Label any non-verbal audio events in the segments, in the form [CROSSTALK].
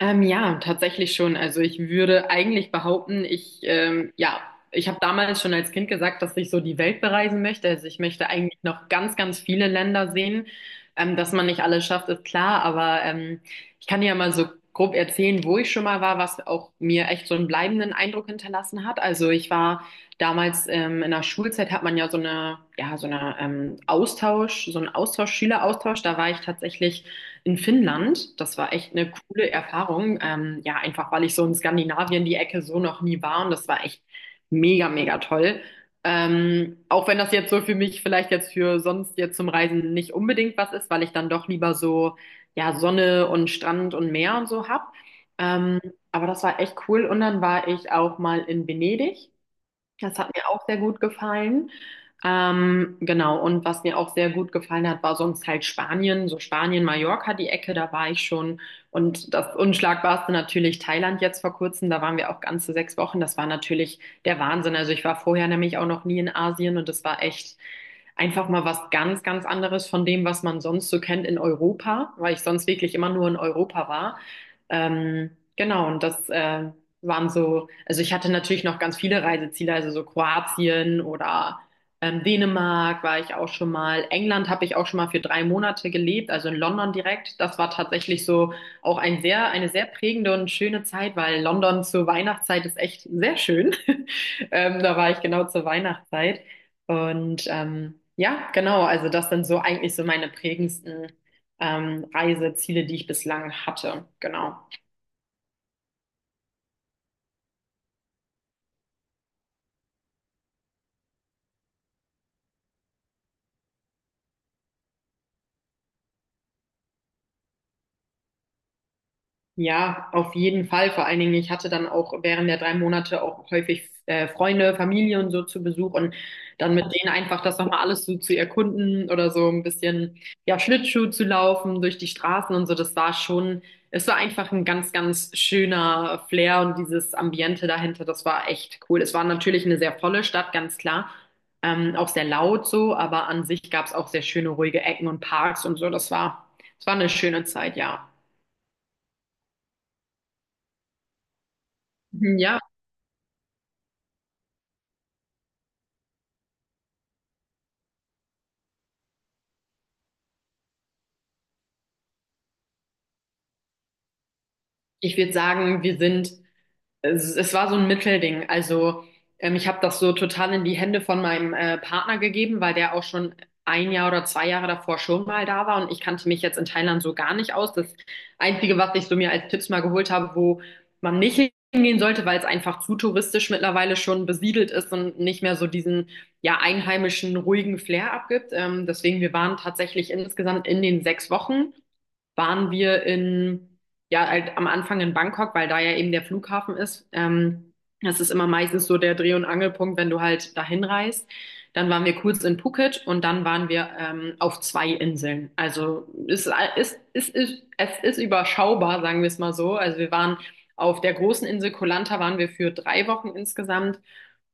Ja, tatsächlich schon. Also ich würde eigentlich behaupten, ja, ich habe damals schon als Kind gesagt, dass ich so die Welt bereisen möchte. Also ich möchte eigentlich noch ganz, ganz viele Länder sehen. Dass man nicht alles schafft, ist klar, aber ich kann dir ja mal so grob erzählen, wo ich schon mal war, was auch mir echt so einen bleibenden Eindruck hinterlassen hat. Also ich war damals in der Schulzeit hat man ja, so eine Austausch, so einen Austausch, Schüleraustausch. Da war ich tatsächlich in Finnland. Das war echt eine coole Erfahrung. Ja, einfach weil ich so in Skandinavien die Ecke so noch nie war und das war echt mega, mega toll. Auch wenn das jetzt so für mich vielleicht jetzt für sonst jetzt zum Reisen nicht unbedingt was ist, weil ich dann doch lieber so, ja, Sonne und Strand und Meer und so hab. Ähm, aber das war echt cool. Und dann war ich auch mal in Venedig. Das hat mir auch sehr gut gefallen. Genau, und was mir auch sehr gut gefallen hat, war sonst halt Spanien, so Spanien, Mallorca, die Ecke, da war ich schon. Und das Unschlagbarste natürlich Thailand jetzt vor kurzem, da waren wir auch ganze 6 Wochen. Das war natürlich der Wahnsinn. Also ich war vorher nämlich auch noch nie in Asien und das war echt einfach mal was ganz, ganz anderes von dem, was man sonst so kennt in Europa, weil ich sonst wirklich immer nur in Europa war. Genau, und das waren so, also ich hatte natürlich noch ganz viele Reiseziele, also so Kroatien oder Dänemark war ich auch schon mal. England habe ich auch schon mal für 3 Monate gelebt, also in London direkt. Das war tatsächlich so auch ein sehr, eine sehr prägende und schöne Zeit, weil London zur Weihnachtszeit ist echt sehr schön. [LAUGHS] Da war ich genau zur Weihnachtszeit. Und ja, genau, also das sind so eigentlich so meine prägendsten Reiseziele, die ich bislang hatte. Genau. Ja, auf jeden Fall. Vor allen Dingen, ich hatte dann auch während der 3 Monate auch häufig Freunde, Familie und so zu Besuch und dann mit denen einfach das nochmal alles so zu erkunden oder so ein bisschen, ja, Schlittschuh zu laufen durch die Straßen und so. Das war schon, es war einfach ein ganz, ganz schöner Flair und dieses Ambiente dahinter, das war echt cool. Es war natürlich eine sehr volle Stadt, ganz klar. Auch sehr laut so, aber an sich gab es auch sehr schöne, ruhige Ecken und Parks und so. Das war eine schöne Zeit, ja. Mhm, ja. Ich würde sagen, wir sind, es war so ein Mittelding. Also ich habe das so total in die Hände von meinem Partner gegeben, weil der auch schon ein Jahr oder 2 Jahre davor schon mal da war und ich kannte mich jetzt in Thailand so gar nicht aus. Das Einzige, was ich so mir als Tipps mal geholt habe, wo man nicht hingehen sollte, weil es einfach zu touristisch mittlerweile schon besiedelt ist und nicht mehr so diesen ja einheimischen ruhigen Flair abgibt. Deswegen, wir waren tatsächlich insgesamt in den 6 Wochen waren wir in, ja, halt am Anfang in Bangkok, weil da ja eben der Flughafen ist. Das ist immer meistens so der Dreh- und Angelpunkt, wenn du halt dahin reist. Dann waren wir kurz in Phuket und dann waren wir auf zwei Inseln. Also es ist überschaubar, sagen wir es mal so. Also wir waren auf der großen Insel Koh Lanta waren wir für 3 Wochen insgesamt.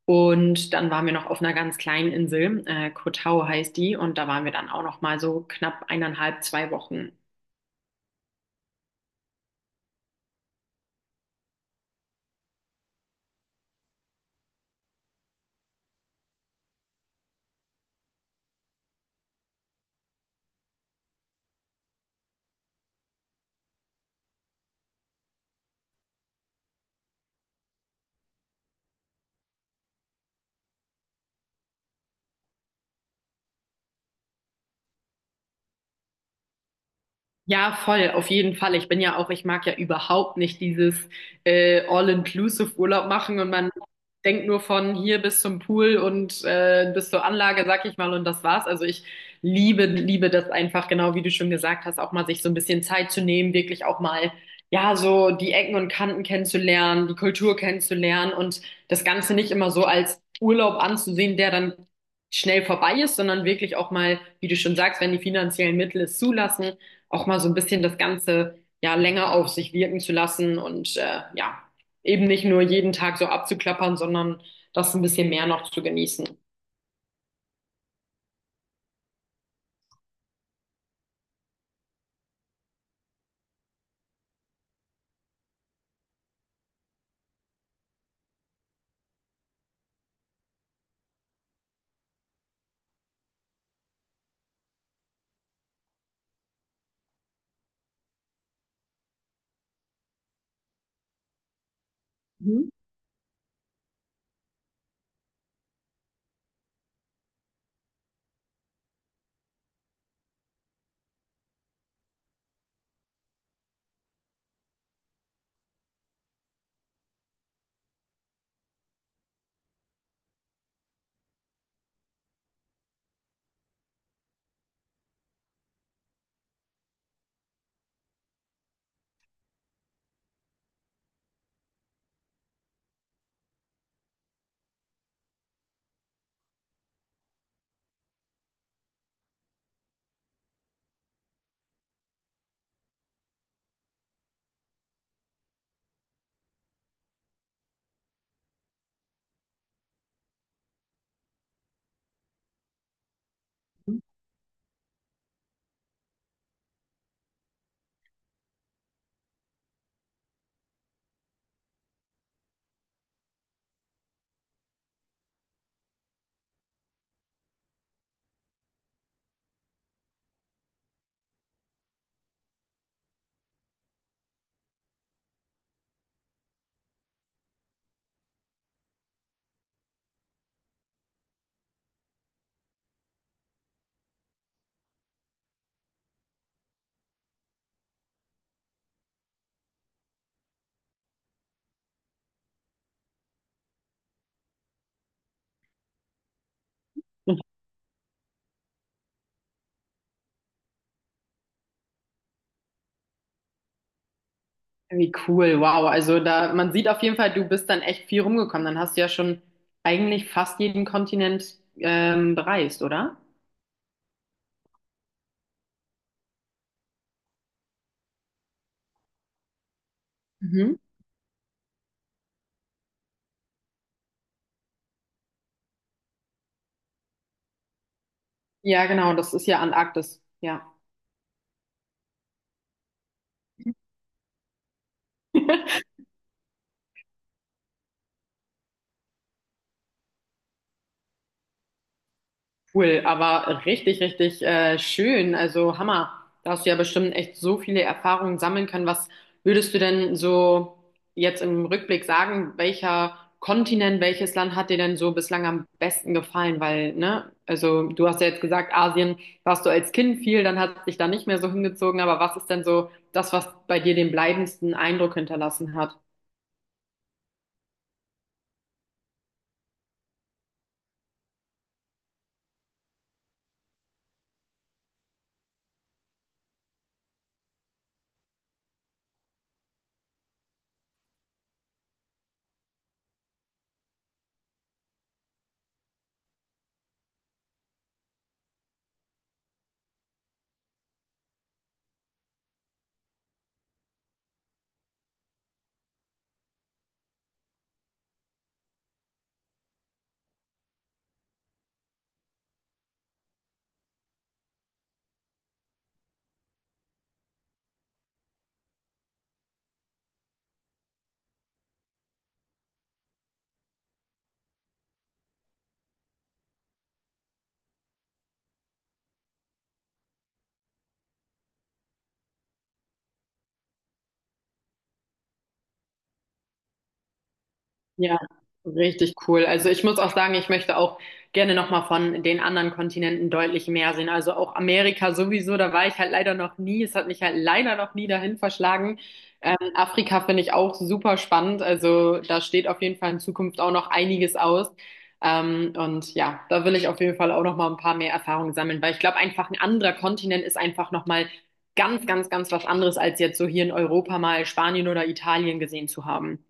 Und dann waren wir noch auf einer ganz kleinen Insel, Koh Tao heißt die, und da waren wir dann auch noch mal so knapp 1,5, 2 Wochen. Ja, voll, auf jeden Fall. Ich bin ja auch, ich mag ja überhaupt nicht dieses All-Inclusive-Urlaub machen und man denkt nur von hier bis zum Pool und bis zur Anlage, sag ich mal, und das war's. Also ich liebe, liebe das einfach, genau wie du schon gesagt hast, auch mal sich so ein bisschen Zeit zu nehmen, wirklich auch mal, ja, so die Ecken und Kanten kennenzulernen, die Kultur kennenzulernen und das Ganze nicht immer so als Urlaub anzusehen, der dann schnell vorbei ist, sondern wirklich auch mal, wie du schon sagst, wenn die finanziellen Mittel es zulassen auch mal so ein bisschen das Ganze ja länger auf sich wirken zu lassen und ja, eben nicht nur jeden Tag so abzuklappern, sondern das ein bisschen mehr noch zu genießen. Mhm. Wie cool, wow. Also da, man sieht auf jeden Fall, du bist dann echt viel rumgekommen. Dann hast du ja schon eigentlich fast jeden Kontinent bereist, oder? Mhm. Ja, genau, das ist ja Antarktis. Ja. Cool, aber richtig, richtig schön. Also Hammer. Da hast du ja bestimmt echt so viele Erfahrungen sammeln können. Was würdest du denn so jetzt im Rückblick sagen, welcher Kontinent, welches Land hat dir denn so bislang am besten gefallen? Weil, ne, also du hast ja jetzt gesagt, Asien warst du als Kind viel, dann hat dich da nicht mehr so hingezogen. Aber was ist denn so das, was bei dir den bleibendsten Eindruck hinterlassen hat? Ja, richtig cool. Also ich muss auch sagen, ich möchte auch gerne nochmal von den anderen Kontinenten deutlich mehr sehen. Also auch Amerika sowieso, da war ich halt leider noch nie. Es hat mich halt leider noch nie dahin verschlagen. Afrika finde ich auch super spannend. Also da steht auf jeden Fall in Zukunft auch noch einiges aus. Und ja, da will ich auf jeden Fall auch nochmal ein paar mehr Erfahrungen sammeln, weil ich glaube, einfach ein anderer Kontinent ist einfach nochmal ganz, ganz, ganz was anderes, als jetzt so hier in Europa mal Spanien oder Italien gesehen zu haben.